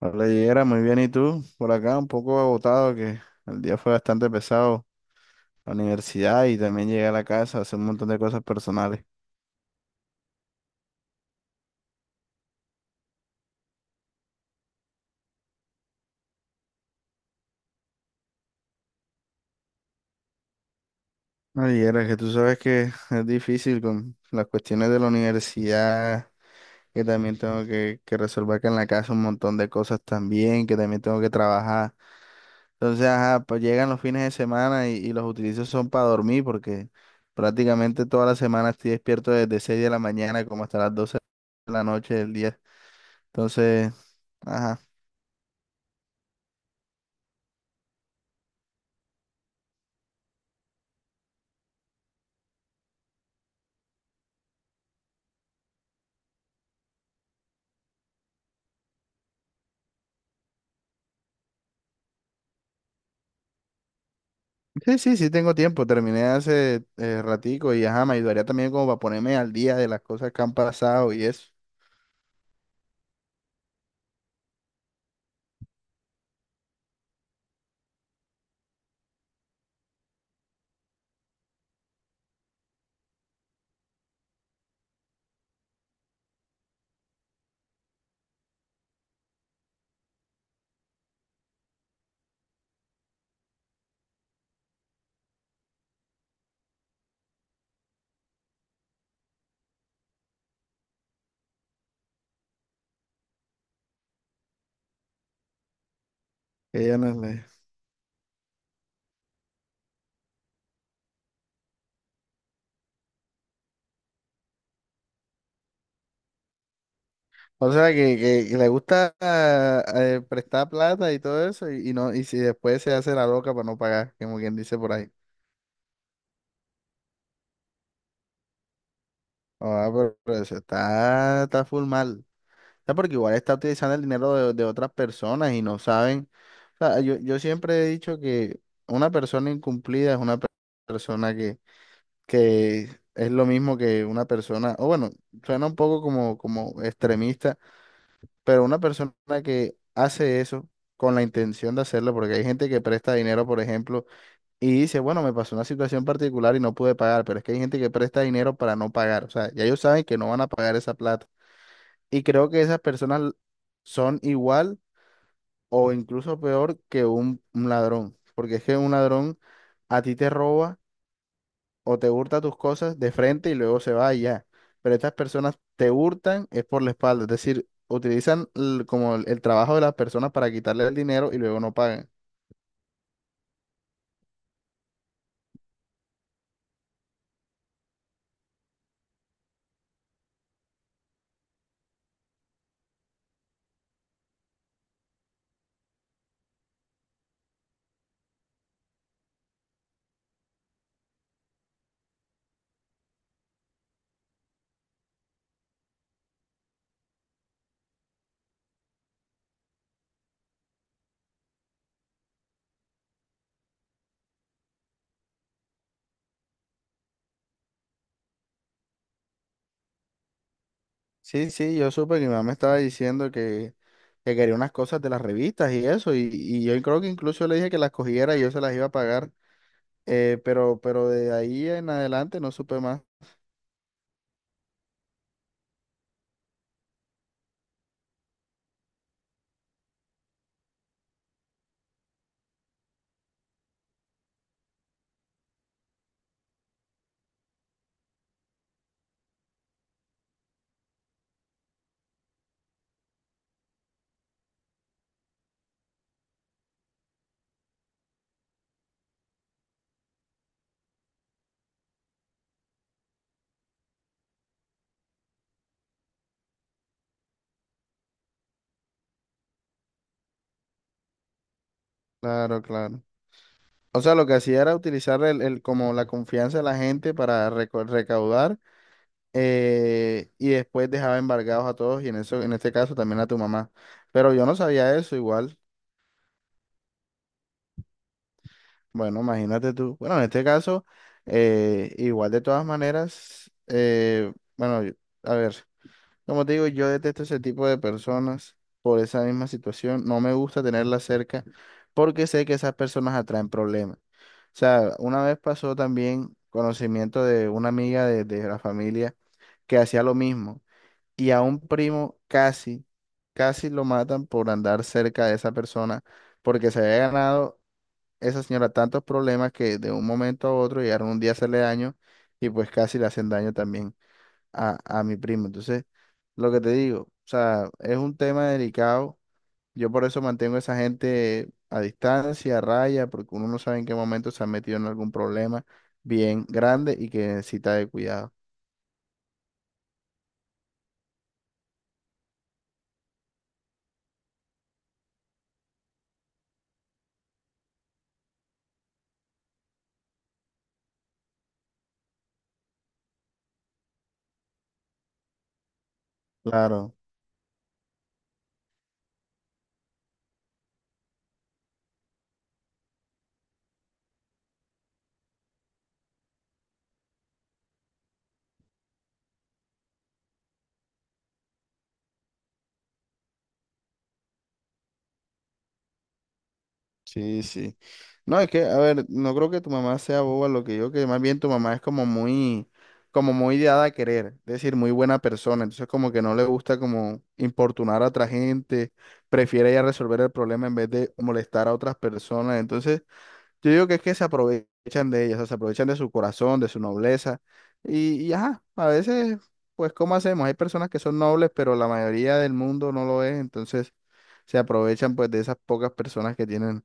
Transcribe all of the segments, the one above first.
Hola, Yera, muy bien. ¿Y tú? Por acá un poco agotado, que el día fue bastante pesado. La universidad y también llegué a la casa a hacer un montón de cosas personales. Ay, Yera, que tú sabes que es difícil con las cuestiones de la universidad, que también tengo que resolver que en la casa un montón de cosas también, que también tengo que trabajar. Entonces, ajá, pues llegan los fines de semana y los utilizo son para dormir porque prácticamente toda la semana estoy despierto desde 6 de la mañana como hasta las 12 de la noche del día. Entonces… Ajá. Sí, sí, sí tengo tiempo. Terminé hace ratico y ajá, me ayudaría también como para ponerme al día de las cosas que han pasado y eso. Que ella no le… O sea, que, que le gusta prestar plata y todo eso y no y si después se hace la loca para no pagar, como quien dice por ahí. Ah, pero eso está full mal. O sea, porque igual está utilizando el dinero de otras personas y no saben. O sea, yo siempre he dicho que una persona incumplida es una persona que es lo mismo que una persona, o bueno, suena un poco como extremista, pero una persona que hace eso con la intención de hacerlo, porque hay gente que presta dinero, por ejemplo, y dice, bueno, me pasó una situación particular y no pude pagar, pero es que hay gente que presta dinero para no pagar, o sea, ya ellos saben que no van a pagar esa plata. Y creo que esas personas son igual o incluso peor que un ladrón, porque es que un ladrón a ti te roba o te hurta tus cosas de frente y luego se va y ya. Pero estas personas te hurtan es por la espalda, es decir, utilizan como el trabajo de las personas para quitarle el dinero y luego no pagan. Sí, sí, yo supe que mi mamá me estaba diciendo que quería unas cosas de las revistas y eso, y yo creo que incluso le dije que las cogiera y yo se las iba a pagar, pero de ahí en adelante no supe más. Claro, claro. O sea, lo que hacía era utilizar como la confianza de la gente para recaudar. Eh, y después dejaba embargados a todos y en eso, en este caso también a tu mamá. Pero yo no sabía eso igual. Bueno, imagínate tú. Bueno, en este caso, igual de todas maneras, bueno, a ver, como te digo, yo detesto ese tipo de personas por esa misma situación. No me gusta tenerlas cerca porque sé que esas personas atraen problemas. O sea, una vez pasó también conocimiento de una amiga de la familia que hacía lo mismo. Y a un primo casi, casi lo matan por andar cerca de esa persona, porque se había ganado esa señora tantos problemas que de un momento a otro llegaron un día a hacerle daño y pues casi le hacen daño también a mi primo. Entonces, lo que te digo, o sea, es un tema delicado. Yo por eso mantengo a esa gente a distancia, a raya, porque uno no sabe en qué momento se ha metido en algún problema bien grande y que necesita de cuidado. Claro. Sí, sí. No, es que, a ver, no creo que tu mamá sea boba lo que yo, que más bien tu mamá es como muy dada a querer, es decir, muy buena persona, entonces como que no le gusta como importunar a otra gente, prefiere ella resolver el problema en vez de molestar a otras personas, entonces yo digo que es que se aprovechan de ellas, o sea, se aprovechan de su corazón, de su nobleza, y ajá, a veces, pues, ¿cómo hacemos? Hay personas que son nobles, pero la mayoría del mundo no lo es, entonces se aprovechan pues de esas pocas personas que tienen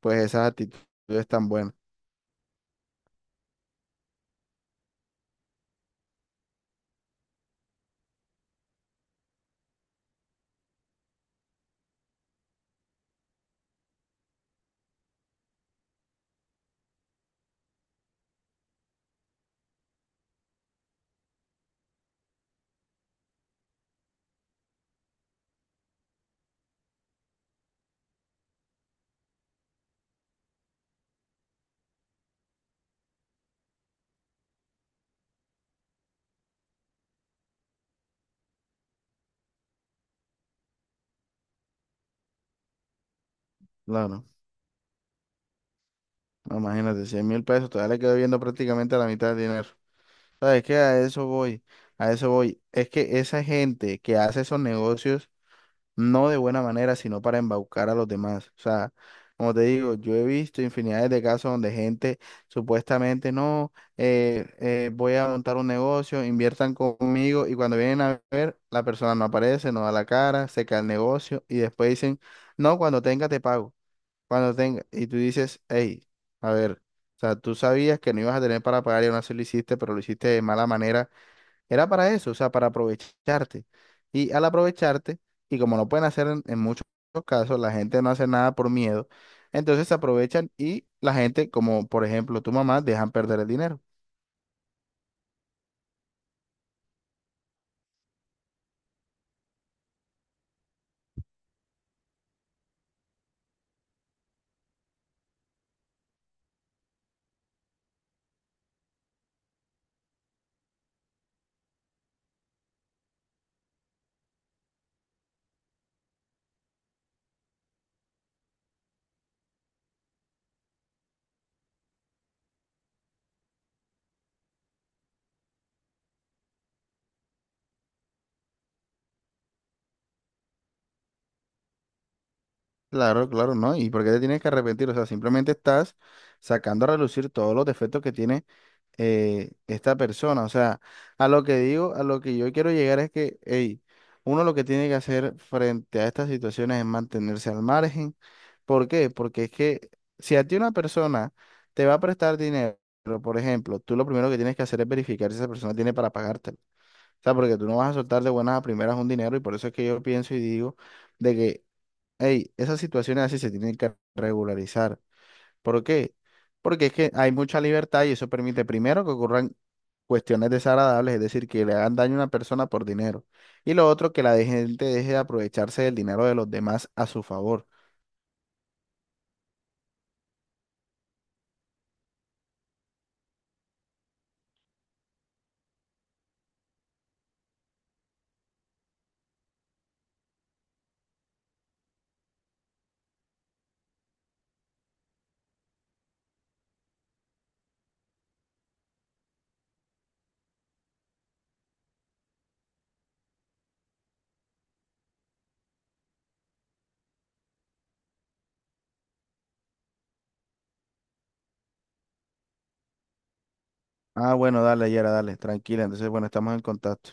pues esas actitudes tan buenas. Claro, no, imagínate, 100.000 pesos, todavía le quedo viendo prácticamente la mitad del dinero. ¿Sabes qué? A eso voy, a eso voy. Es que esa gente que hace esos negocios, no de buena manera, sino para embaucar a los demás. O sea, como te digo, yo he visto infinidades de casos donde gente supuestamente, no, voy a montar un negocio, inviertan conmigo y cuando vienen a ver, la persona no aparece, no da la cara, se cae el negocio y después dicen, no, cuando tenga te pago. Cuando tenga, y tú dices, hey, a ver, o sea, tú sabías que no ibas a tener para pagar y aún así lo hiciste, pero lo hiciste de mala manera, era para eso, o sea, para aprovecharte. Y al aprovecharte, y como no pueden hacer en muchos casos, la gente no hace nada por miedo, entonces se aprovechan y la gente, como por ejemplo tu mamá, dejan perder el dinero. Claro, claro, ¿no? ¿Y por qué te tienes que arrepentir? O sea, simplemente estás sacando a relucir todos los defectos que tiene esta persona. O sea, a lo que digo, a lo que yo quiero llegar es que, hey, uno lo que tiene que hacer frente a estas situaciones es mantenerse al margen. ¿Por qué? Porque es que si a ti una persona te va a prestar dinero, por ejemplo, tú lo primero que tienes que hacer es verificar si esa persona tiene para pagártelo. O sea, porque tú no vas a soltar de buenas a primeras un dinero y por eso es que yo pienso y digo de que, hey, esas situaciones así se tienen que regularizar. ¿Por qué? Porque es que hay mucha libertad y eso permite primero que ocurran cuestiones desagradables, es decir, que le hagan daño a una persona por dinero. Y lo otro, que la gente deje de aprovecharse del dinero de los demás a su favor. Ah, bueno, dale, Yera, dale, tranquila. Entonces, bueno, estamos en contacto.